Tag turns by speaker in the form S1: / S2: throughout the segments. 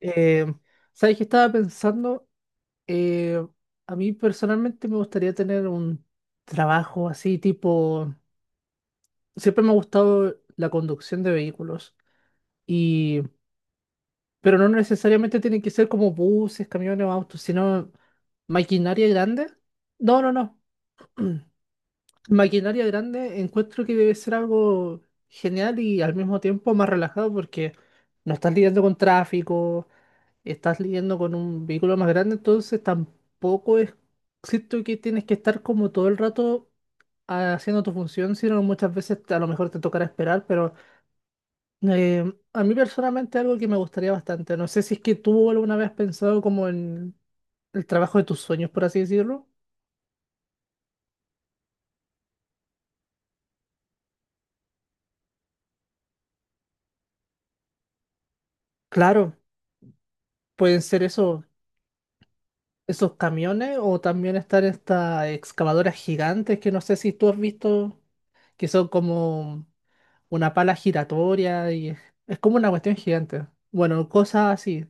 S1: Eh, ¿Sabes qué estaba pensando? Eh, a mí personalmente me gustaría tener un trabajo así tipo... Siempre me ha gustado la conducción de vehículos, y... pero no necesariamente tienen que ser como buses, camiones o autos, sino maquinaria grande. No, no, no. Maquinaria grande encuentro que debe ser algo genial y al mismo tiempo más relajado porque no estás lidiando con tráfico, estás lidiando con un vehículo más grande, entonces tampoco es, siento que tienes que estar como todo el rato haciendo tu función, sino muchas veces a lo mejor te tocará esperar, pero a mí personalmente algo que me gustaría bastante, no sé si es que tú alguna vez has pensado como en el trabajo de tus sueños, por así decirlo. Claro, pueden ser esos, esos camiones o también estar estas excavadoras gigantes que no sé si tú has visto, que son como... una pala giratoria y es como una cuestión gigante. Bueno, cosas así.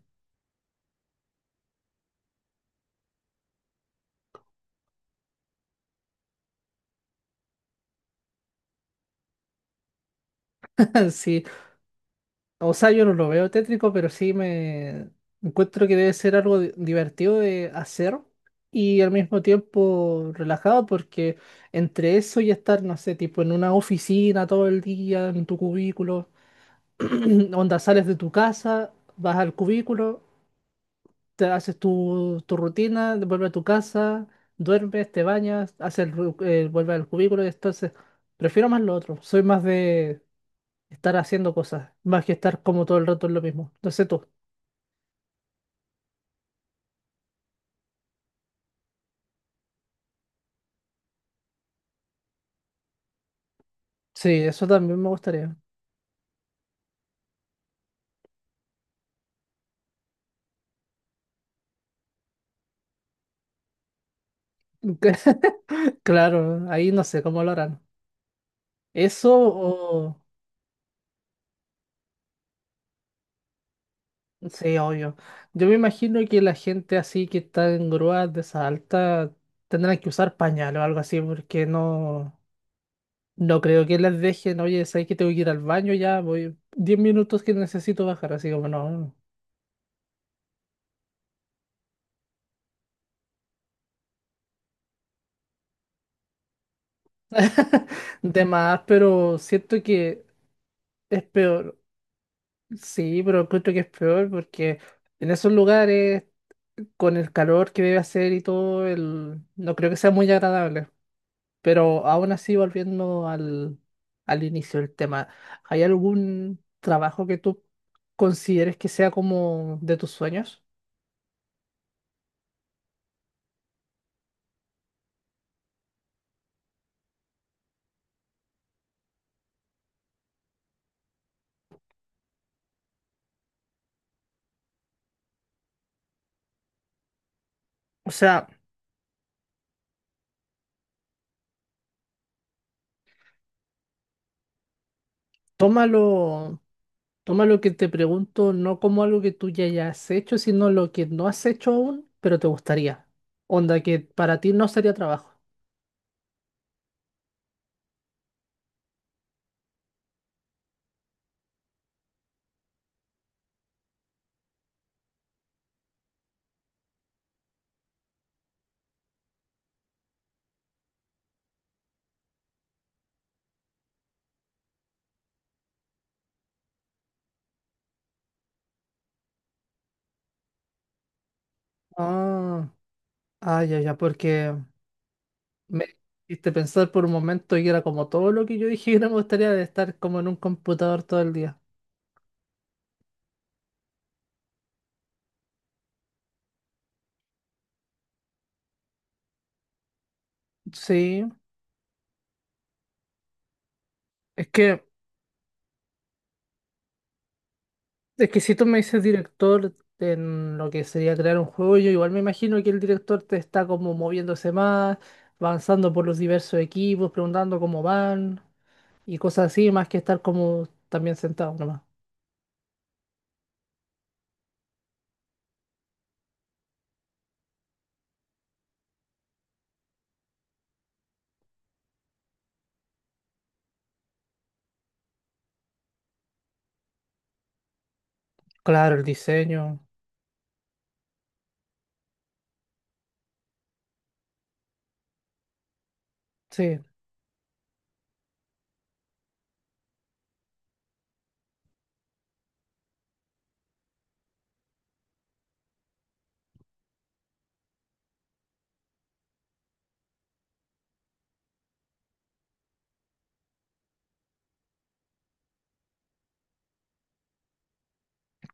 S1: Sí. O sea, yo no lo veo tétrico, pero sí me encuentro que debe ser algo divertido de hacer y al mismo tiempo relajado porque entre eso y estar, no sé, tipo en una oficina todo el día, en tu cubículo, onda sales de tu casa, vas al cubículo, te haces tu rutina, vuelves a tu casa, duermes, te bañas, haces el, vuelves al cubículo. Entonces, prefiero más lo otro. Soy más de estar haciendo cosas, más que estar como todo el rato en lo mismo. No sé tú. Sí, eso también me gustaría. Claro, ahí no sé cómo lo harán. Eso o... Sí, obvio. Yo me imagino que la gente así que está en grúas de esa alta tendrán que usar pañal o algo así porque no... No creo que las dejen, oye, sabes que tengo que ir al baño ya, voy 10 minutos que necesito bajar, así como no. De más, pero siento que es peor. Sí, pero encuentro que es peor porque en esos lugares, con el calor que debe hacer y todo, el... no creo que sea muy agradable. Pero aún así, volviendo al, al inicio del tema, ¿hay algún trabajo que tú consideres que sea como de tus sueños? O sea, tómalo. Toma lo que te pregunto no como algo que tú ya hayas hecho, sino lo que no has hecho aún, pero te gustaría. Onda que para ti no sería trabajo. Ah, ah, ya, ya, porque me hiciste pensar por un momento y era como todo lo que yo dije que no me gustaría de estar como en un computador todo el día. Sí, es que, es que si tú me dices director en lo que sería crear un juego, yo igual me imagino que el director te está como moviéndose más, avanzando por los diversos equipos, preguntando cómo van. Y cosas así, más que estar como también sentado nomás. Claro, el diseño, sí,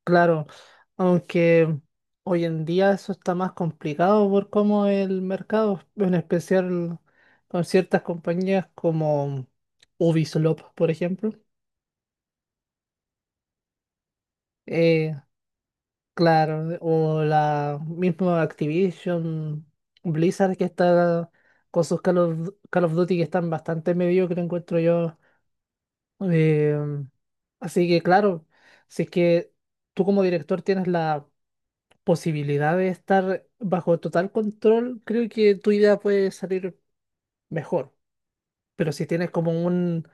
S1: claro. Aunque hoy en día eso está más complicado por cómo el mercado, en especial con ciertas compañías como Ubisoft, por ejemplo. Eh, claro, o la misma Activision, Blizzard que está con sus Call of Duty que están bastante mediocre, encuentro yo. Eh, Así que claro, si es que tú como director tienes la posibilidad de estar bajo total control, creo que tu idea puede salir mejor. Pero si tienes como un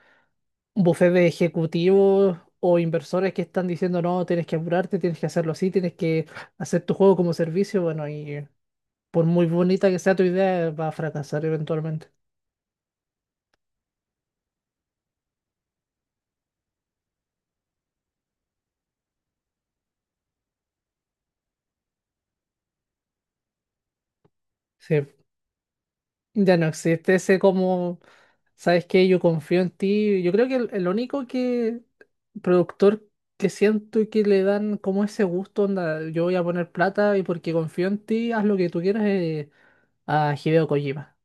S1: buffet de ejecutivos o inversores que están diciendo, no, tienes que apurarte, tienes que hacerlo así, tienes que hacer tu juego como servicio, bueno, y por muy bonita que sea tu idea, va a fracasar eventualmente. Sí. Ya no existe ese como, ¿sabes qué? Yo confío en ti. Yo creo que el único que productor que siento y que le dan como ese gusto, onda, yo voy a poner plata y porque confío en ti, haz lo que tú quieras, a Hideo Kojima.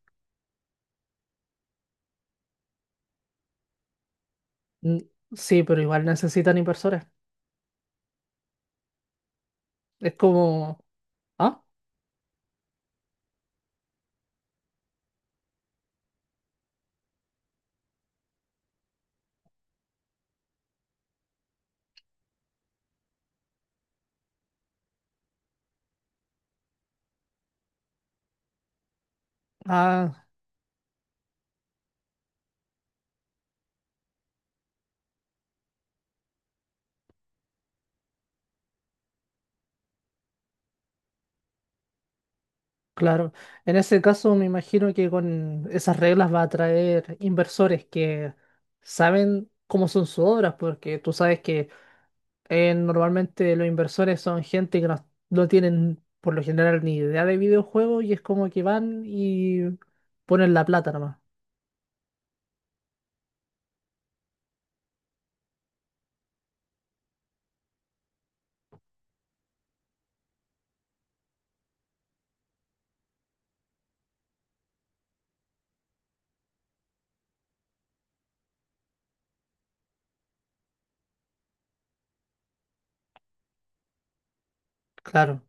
S1: Mm, Sí, pero igual necesitan inversores. Es como, ah, ah, claro. En ese caso me imagino que con esas reglas va a atraer inversores que saben cómo son sus obras, porque tú sabes que normalmente los inversores son gente que no, no tienen por lo general ni idea de videojuegos y es como que van y ponen la plata nomás. Claro.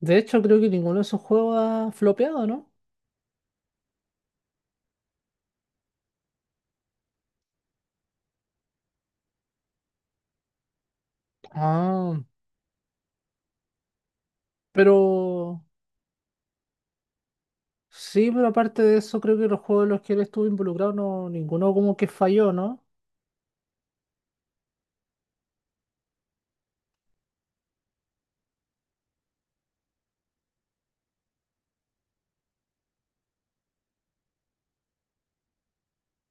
S1: De hecho, creo que ninguno de esos juegos ha flopeado, ¿no? Ah, pero sí, pero aparte de eso, creo que los juegos en los que él estuvo involucrado, no, ninguno como que falló, ¿no?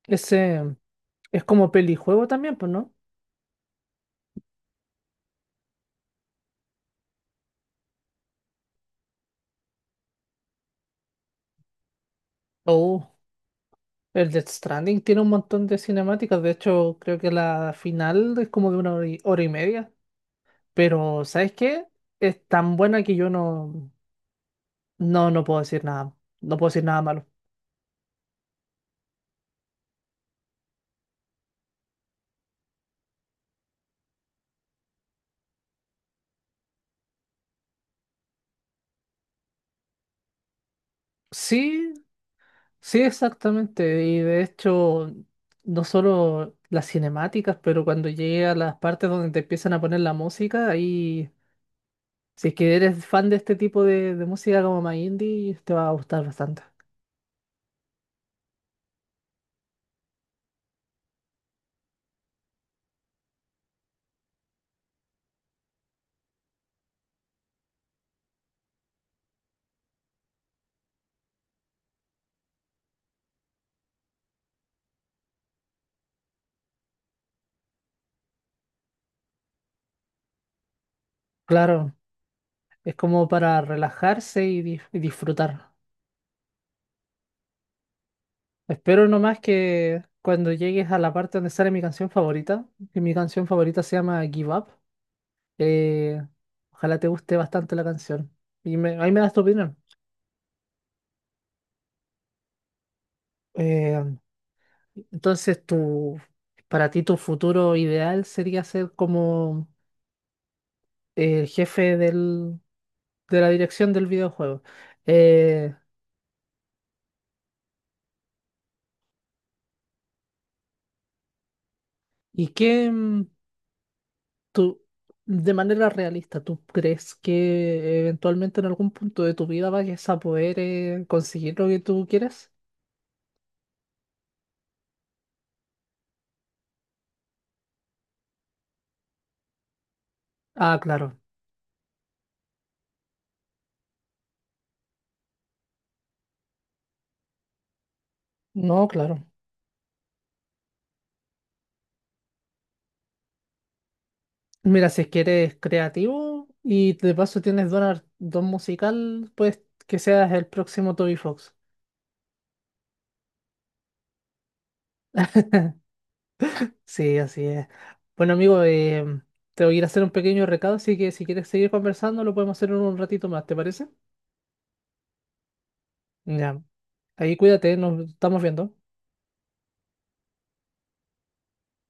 S1: Ese es como pelijuego también, pues, ¿no? Oh, el Death Stranding tiene un montón de cinemáticas. De hecho, creo que la final es como de una hora y hora y media. Pero, ¿sabes qué? Es tan buena que yo no, no, no puedo decir nada. No puedo decir nada malo. Sí, sí, exactamente. Y de hecho, no solo las cinemáticas, pero cuando llegué a las partes donde te empiezan a poner la música, ahí, si es que eres fan de este tipo de música como más indie, te va a gustar bastante. Claro, es como para relajarse y, y disfrutar. Espero nomás que cuando llegues a la parte donde sale mi canción favorita, que mi canción favorita se llama Give Up, eh, ojalá te guste bastante la canción. Y ahí me das tu opinión. Eh, entonces, tu, para ti tu futuro ideal sería ser como el jefe del, de la dirección del videojuego. Eh, ¿Y qué? Tú, de manera realista, ¿tú crees que eventualmente en algún punto de tu vida vayas a poder, conseguir lo que tú quieres? Ah, claro. No, claro. Mira, si es que eres creativo y de paso tienes don, don musical, pues que seas el próximo Toby Fox. Sí, así es. Bueno, amigo, te voy a ir a hacer un pequeño recado, así que si quieres seguir conversando, lo podemos hacer en un ratito más, ¿te parece? Ya. Ahí cuídate, nos estamos viendo.